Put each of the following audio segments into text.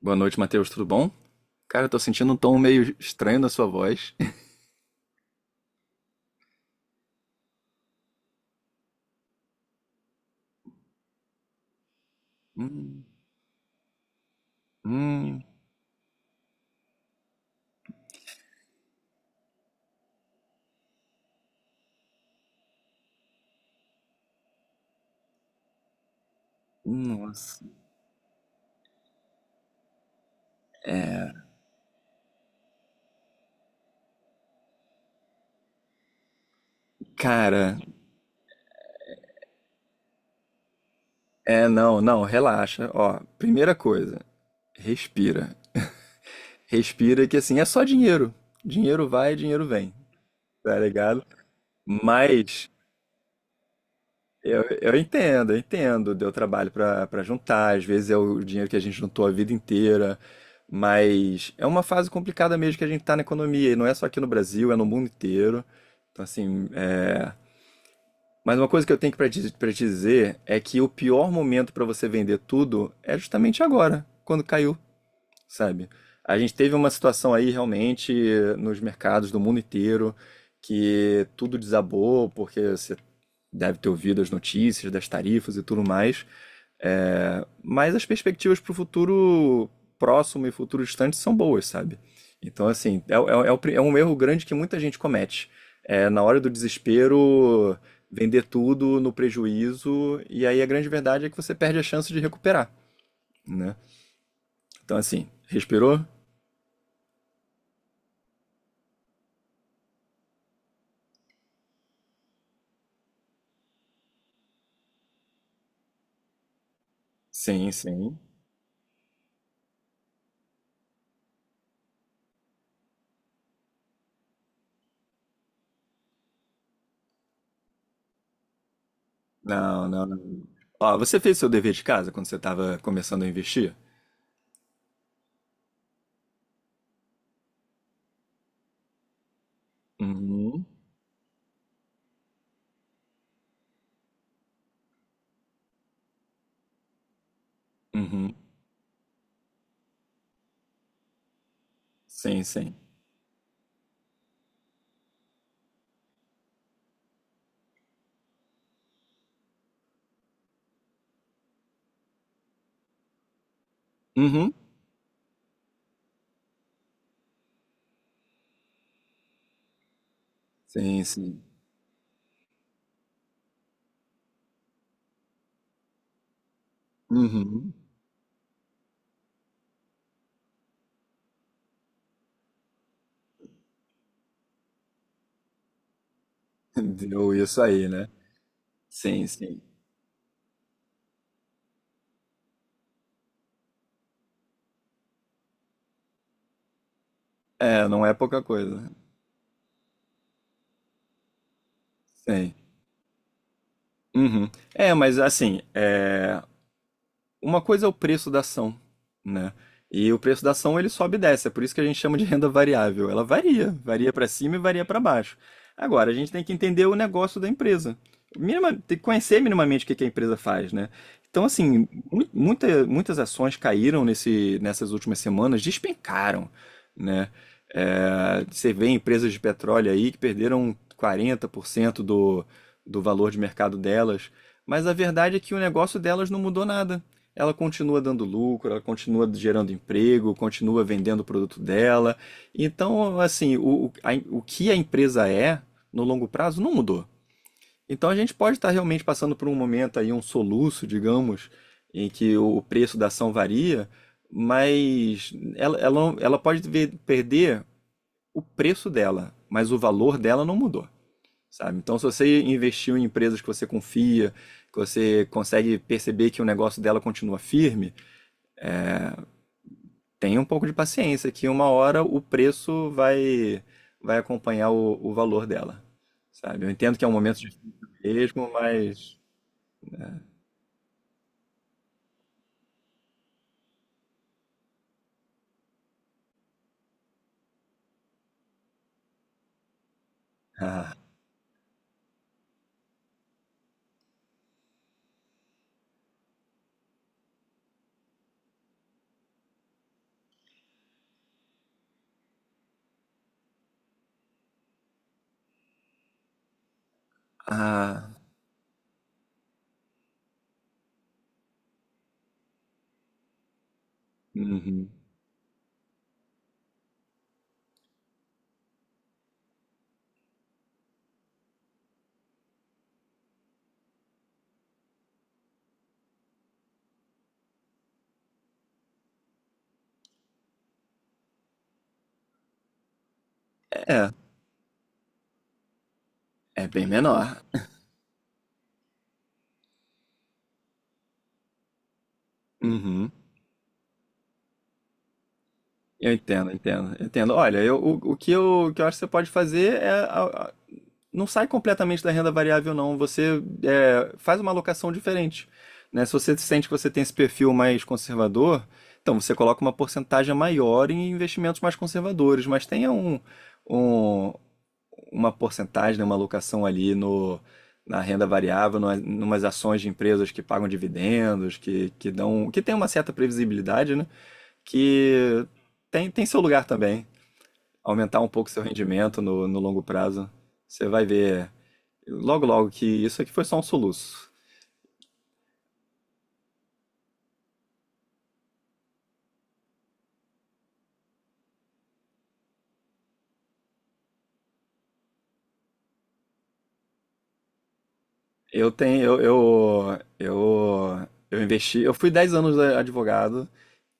Boa noite, Matheus, tudo bom? Cara, eu tô sentindo um tom meio estranho na sua voz. Hum, nossa. Cara, não, não, relaxa. Ó, primeira coisa, respira. Respira que assim, é só dinheiro. Dinheiro vai, dinheiro vem, tá ligado? Mas eu entendo, eu entendo. Deu trabalho pra para juntar, às vezes é o dinheiro que a gente juntou a vida inteira, mas é uma fase complicada mesmo que a gente tá na economia, e não é só aqui no Brasil, é no mundo inteiro. Então, assim, mas uma coisa que eu tenho para pra te dizer é que o pior momento para você vender tudo é justamente agora, quando caiu, sabe? A gente teve uma situação aí realmente nos mercados do mundo inteiro que tudo desabou, porque você deve ter ouvido as notícias das tarifas e tudo mais. É, mas as perspectivas para o futuro próximo e futuro distante são boas, sabe? Então, assim, é um erro grande que muita gente comete. É, na hora do desespero, vender tudo no prejuízo, e aí a grande verdade é que você perde a chance de recuperar, né? Então, assim, respirou. Sim, sim. Não, não, não. Ó, você fez seu dever de casa quando você estava começando a investir? Uhum, uhum. Sim, sim. Uhum. Sim, sim. Uhum. Deu isso aí, né? Sim, sim. É, não é pouca coisa. Sim. Uhum. É, mas assim, uma coisa é o preço da ação, né? E o preço da ação ele sobe e desce, é por isso que a gente chama de renda variável. Ela varia, varia para cima e varia para baixo. Agora, a gente tem que entender o negócio da empresa. Tem que conhecer minimamente o que que a empresa faz, né? Então, assim, muitas ações caíram nessas últimas semanas, despencaram, né? É, você vê empresas de petróleo aí que perderam 40% do valor de mercado delas, mas a verdade é que o negócio delas não mudou nada. Ela continua dando lucro, ela continua gerando emprego, continua vendendo o produto dela. Então, assim, o que a empresa é no longo prazo não mudou. Então, a gente pode estar realmente passando por um momento aí, um soluço, digamos, em que o preço da ação varia, mas ela pode perder o preço dela, mas o valor dela não mudou, sabe? Então, se você investiu em empresas que você confia, que você consegue perceber que o negócio dela continua firme, tenha um pouco de paciência, que uma hora o preço vai acompanhar o valor dela, sabe? Eu entendo que é um momento difícil mesmo, mas. Ah, ah, uhum. É, é bem menor. Uhum. Eu entendo, entendo, entendo. Olha, eu, o que eu acho que você pode fazer é. Não sai completamente da renda variável, não. Você faz uma alocação diferente. Né? Se você sente que você tem esse perfil mais conservador, então você coloca uma porcentagem maior em investimentos mais conservadores, mas tenha um- uma porcentagem, né, uma alocação ali no, na renda variável, numas ações de empresas que pagam dividendos, que dão, que tem uma certa previsibilidade, né? Que tem seu lugar também. Aumentar um pouco seu rendimento no longo prazo. Você vai ver logo logo que isso aqui foi só um soluço. Eu tenho, eu investi, eu fui 10 anos advogado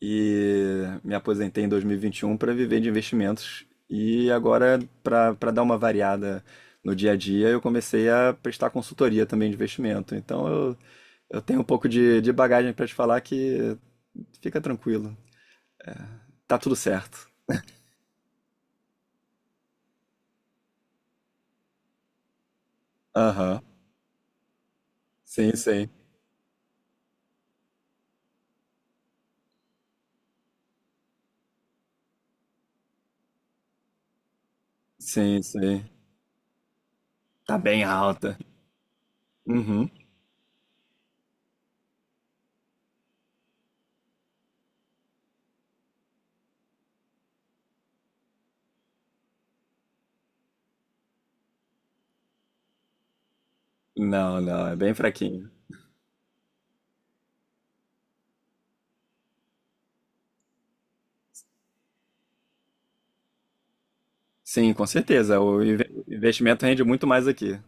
e me aposentei em dois mil e vinte e um para viver de investimentos. E agora, para dar uma variada no dia a dia, eu comecei a prestar consultoria também de investimento. Então, eu tenho um pouco de bagagem para te falar que fica tranquilo. Tá tudo certo. Aham. Sim, sim. Sim, sim. Tá bem alta. Uhum. Não, não, é bem fraquinho. Sim, com certeza. O investimento rende muito mais aqui.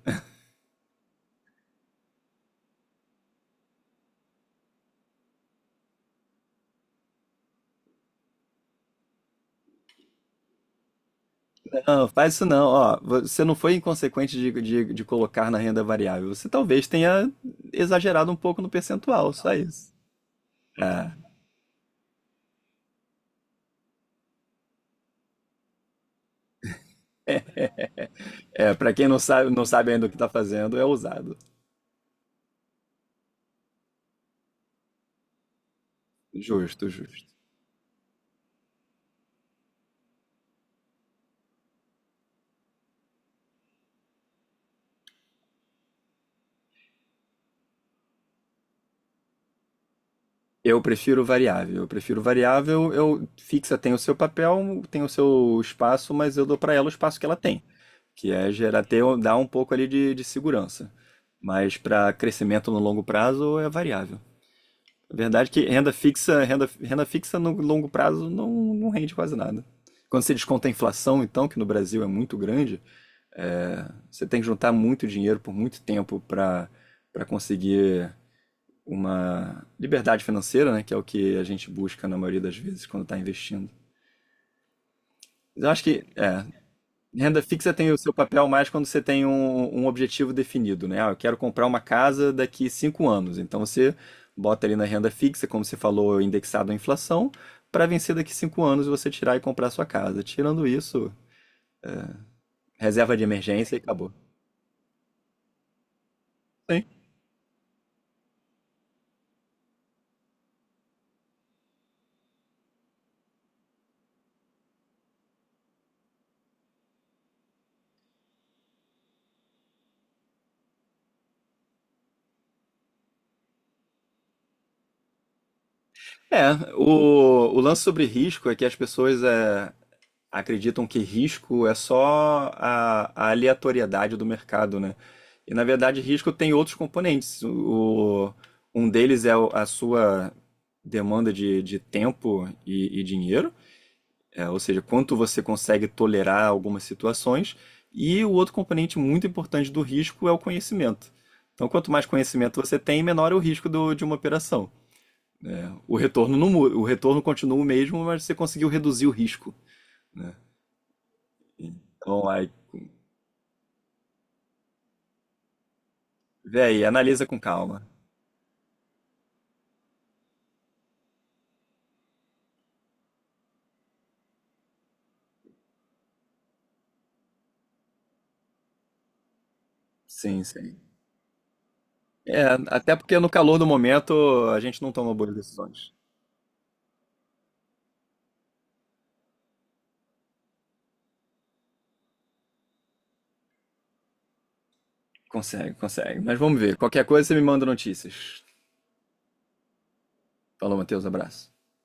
Não, faz isso não. Ó, você não foi inconsequente de colocar na renda variável. Você talvez tenha exagerado um pouco no percentual, só isso. É, é para quem não sabe, não sabe ainda o que está fazendo, é ousado. Justo, justo. Eu prefiro variável. Eu prefiro variável. Eu fixa tem o seu papel, tem o seu espaço, mas eu dou para ela o espaço que ela tem, que é dar um pouco ali de segurança. Mas para crescimento no longo prazo é variável. A verdade é que renda fixa no longo prazo não rende quase nada. Quando você desconta a inflação, então, que no Brasil é muito grande, é, você tem que juntar muito dinheiro por muito tempo para para conseguir uma liberdade financeira, né? Que é o que a gente busca na maioria das vezes quando está investindo. Eu acho que é, renda fixa tem o seu papel mais quando você tem um objetivo definido, né? Ah, eu quero comprar uma casa daqui 5 anos. Então você bota ali na renda fixa, como você falou, indexado à inflação, para vencer daqui 5 anos você tirar e comprar a sua casa. Tirando isso, reserva de emergência e acabou. Sim. É, o lance sobre risco é que as pessoas acreditam que risco é só a aleatoriedade do mercado, né? E na verdade, risco tem outros componentes. O, um deles é a sua demanda de tempo e dinheiro, é, ou seja, quanto você consegue tolerar algumas situações. E o outro componente muito importante do risco é o conhecimento. Então, quanto mais conhecimento você tem, menor é o risco de uma operação. O retorno, não mu- o retorno continua o mesmo, mas você conseguiu reduzir o risco, né? Então, a, vê aí, analisa com calma. Sim, sim. É, até porque no calor do momento a gente não toma boas decisões. Consegue, consegue. Mas vamos ver. Qualquer coisa você me manda notícias. Falou, Matheus, abraço.